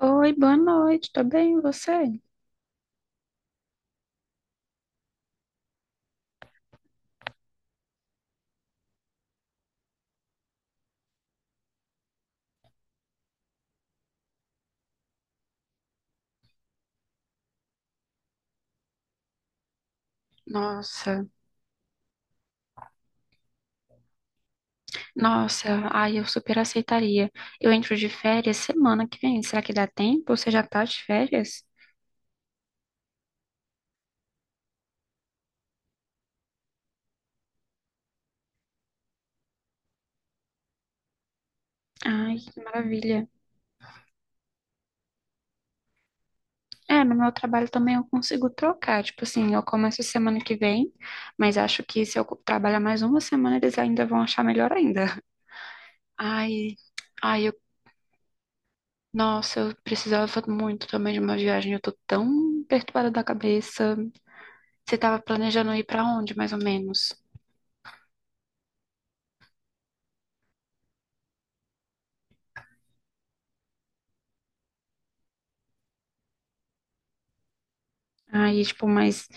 Oi, boa noite, tô bem, e você? Nossa, nossa, ai, eu super aceitaria. Eu entro de férias semana que vem, será que dá tempo? Você já tá de férias? Ai, que maravilha. É, no meu trabalho também eu consigo trocar. Tipo assim, eu começo semana que vem, mas acho que se eu co- trabalhar mais uma semana, eles ainda vão achar melhor ainda. Ai, ai, eu, nossa, eu precisava muito também de uma viagem. Eu tô tão perturbada da cabeça. Você tava planejando ir pra onde, mais ou menos? Aí, tipo, mas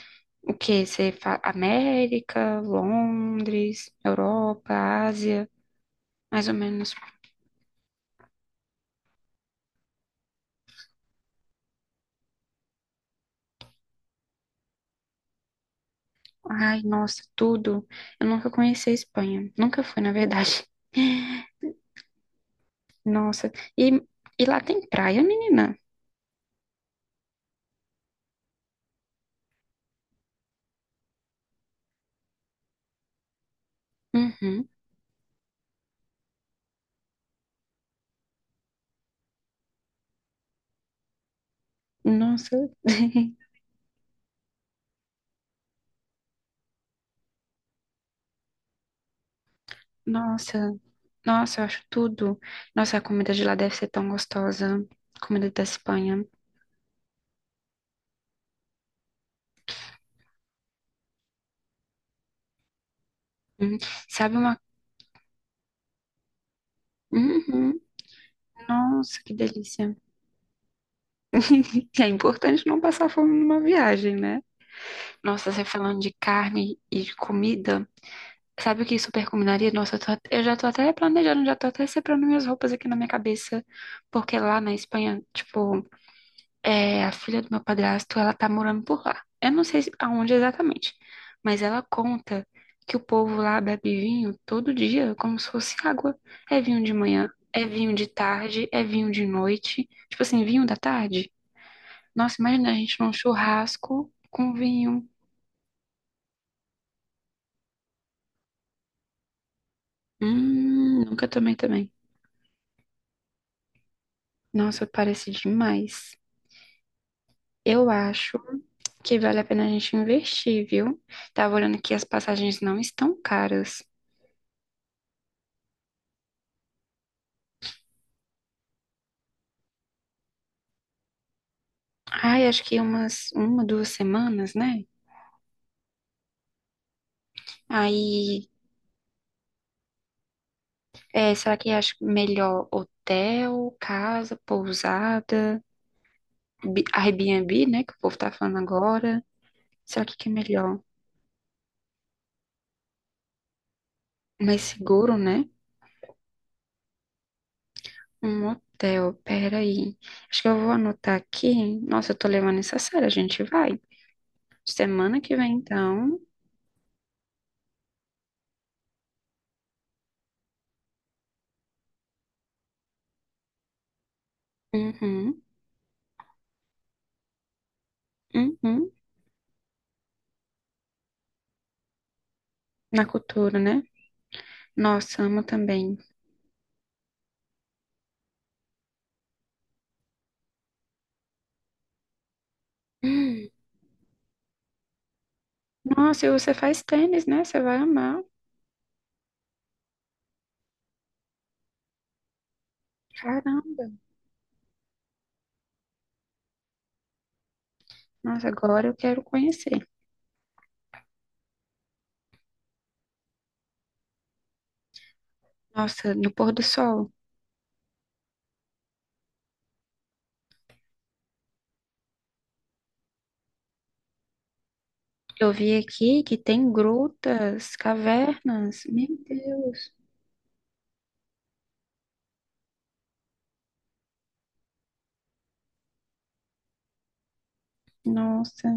o quê? América, Londres, Europa, Ásia, mais ou menos. Ai, nossa, tudo. Eu nunca conheci a Espanha. Nunca fui, na verdade. Nossa. E, e lá tem praia, menina? Uhum. Nossa. Nossa. Nossa, eu acho tudo. Nossa, a comida de lá deve ser tão gostosa. Comida da Espanha. Uhum. Sabe uma. Uhum. Nossa, que delícia. É importante não passar fome numa viagem, né? Nossa, você falando de carne e de comida, sabe o que super combinaria? Nossa, eu, tô at- Eu já tô até planejando, já tô até separando minhas roupas aqui na minha cabeça, porque lá na Espanha, tipo, é, a filha do meu padrasto, ela tá morando por lá. Eu não sei se- aonde exatamente, mas ela conta que o povo lá bebe vinho todo dia, como se fosse água. É vinho de manhã, é vinho de tarde, é vinho de noite. Tipo assim, vinho da tarde. Nossa, imagina a gente num churrasco com vinho. Nunca tomei também. Nossa, parece demais. Eu acho que vale a pena a gente investir, viu? Tava olhando que as passagens não estão caras. Ai, acho que umas uma, duas semanas, né? Aí, é, será que acho melhor hotel, casa, pousada, Airbnb, né? Que o povo tá falando agora. Será que é melhor? Mais seguro, né? Um hotel, peraí. Acho que eu vou anotar aqui. Nossa, eu tô levando isso a sério, a gente vai. Semana que vem, então. Uhum, uhum. Na cultura, né? Nossa, amo também. Hum. Nossa, e você faz tênis, né? Você vai amar. Caramba. Nossa, agora eu quero conhecer. Nossa, no pôr do sol. Eu vi aqui que tem grutas, cavernas. Meu Deus. Nossa.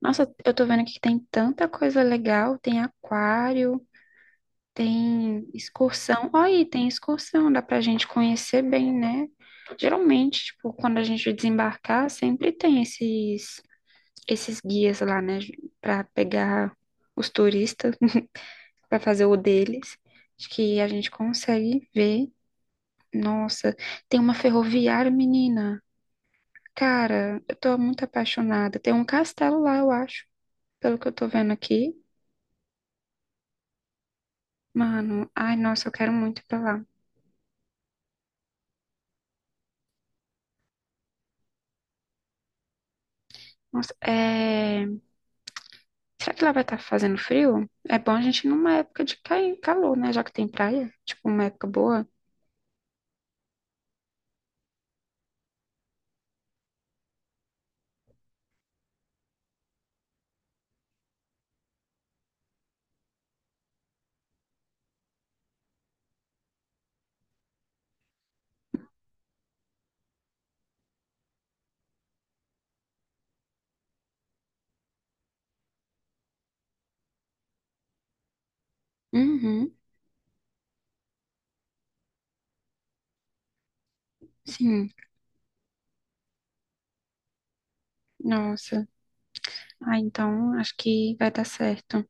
Nossa, eu tô vendo aqui que tem tanta coisa legal. Tem aquário, tem excursão. Olha aí, tem excursão. Dá pra gente conhecer bem, né? Geralmente, tipo, quando a gente desembarcar, sempre tem esses guias lá, né? Pra pegar os turistas, pra fazer o deles. Acho que a gente consegue ver. Nossa, tem uma ferroviária, menina. Cara, eu tô muito apaixonada. Tem um castelo lá, eu acho, pelo que eu tô vendo aqui. Mano, ai, nossa, eu quero muito ir pra lá. Nossa, é... Será que lá vai estar fazendo frio? É bom a gente ir numa época de cair calor, né? Já que tem praia, tipo, uma época boa. Uhum, sim. Nossa. Ah, então acho que vai dar certo.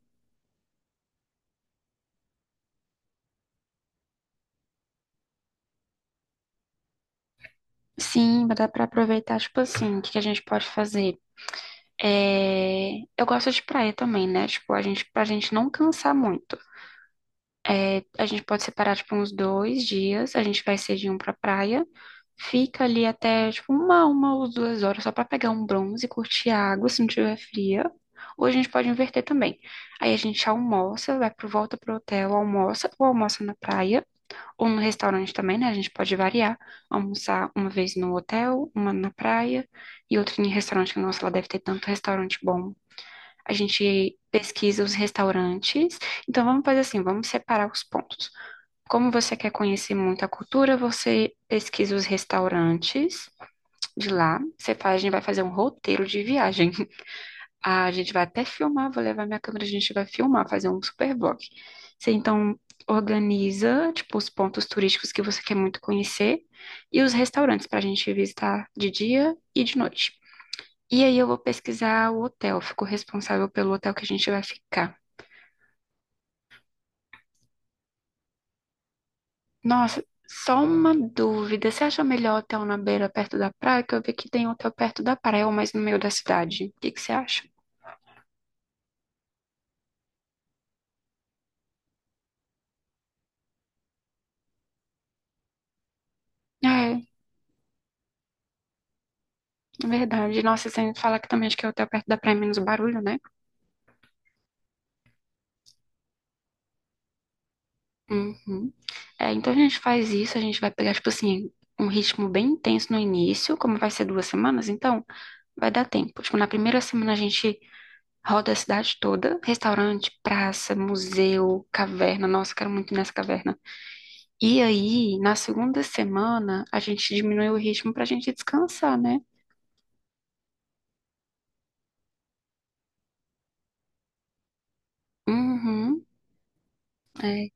Sim, vai dar pra aproveitar, tipo assim, o que que a gente pode fazer? É, eu gosto de praia também, né? Tipo, a gente, pra gente não cansar muito. A gente pode separar, tipo, uns dois dias. A gente vai cedinho pra praia. Fica ali até, tipo, uma ou duas horas só pra pegar um bronze, curtir a água se não tiver fria. Ou a gente pode inverter também. Aí a gente almoça, vai pro volta pro hotel, almoça, ou almoça na praia, ou no restaurante também, né? A gente pode variar. Almoçar uma vez no hotel, uma na praia e outra em restaurante. Nossa, lá deve ter tanto restaurante bom, a gente pesquisa os restaurantes. Então vamos fazer assim, vamos separar os pontos. Como você quer conhecer muito a cultura, você pesquisa os restaurantes de lá. Você faz, a gente vai fazer um roteiro de viagem. A gente vai até filmar, vou levar minha câmera, a gente vai filmar, fazer um super vlog. Você então organiza, tipo, os pontos turísticos que você quer muito conhecer e os restaurantes para a gente visitar de dia e de noite. E aí eu vou pesquisar o hotel, fico responsável pelo hotel que a gente vai ficar. Nossa, só uma dúvida. Você acha melhor hotel na beira, perto da praia? Que eu vi que tem hotel perto da praia, ou mais no meio da cidade. O que que você acha? É, é, verdade. Nossa, sem falar que também acho que é hotel perto da praia é menos barulho, né? Uhum. É, então a gente faz isso, a gente vai pegar, tipo assim, um ritmo bem intenso no início, como vai ser duas semanas, então vai dar tempo. Tipo, na primeira semana a gente roda a cidade toda, restaurante, praça, museu, caverna. Nossa, quero muito ir nessa caverna. E aí, na segunda semana, a gente diminui o ritmo pra gente descansar, né? Uhum, é,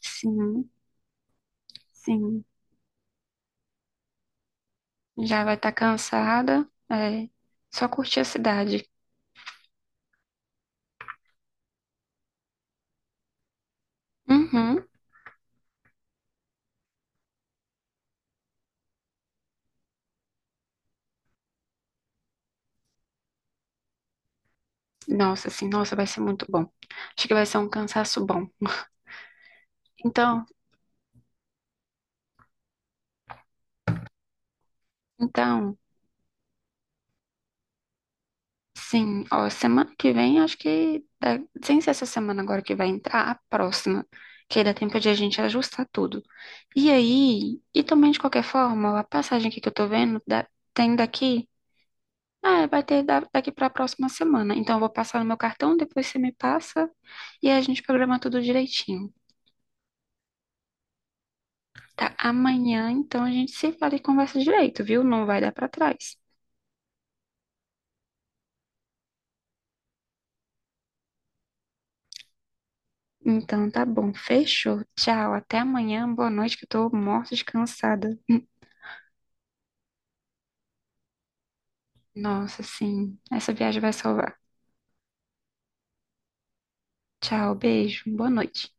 sim, sim. Já vai estar cansada, é, só curtir a cidade. Uhum. Nossa, assim, nossa, vai ser muito bom. Acho que vai ser um cansaço bom. Então, então, sim, ó, semana que vem, acho que, sem ser essa semana agora que vai entrar, a próxima, que aí dá tempo de a gente ajustar tudo. E aí, e também de qualquer forma, a passagem aqui que eu tô vendo, dá- tem daqui, ah, vai ter da- daqui pra próxima semana. Então eu vou passar no meu cartão, depois você me passa e aí a gente programa tudo direitinho. Tá, amanhã, então a gente se fala e conversa direito, viu? Não vai dar pra trás. Então tá bom, fechou. Tchau, até amanhã. Boa noite, que eu tô morta de cansada. Nossa, sim. Essa viagem vai salvar. Tchau, beijo, boa noite.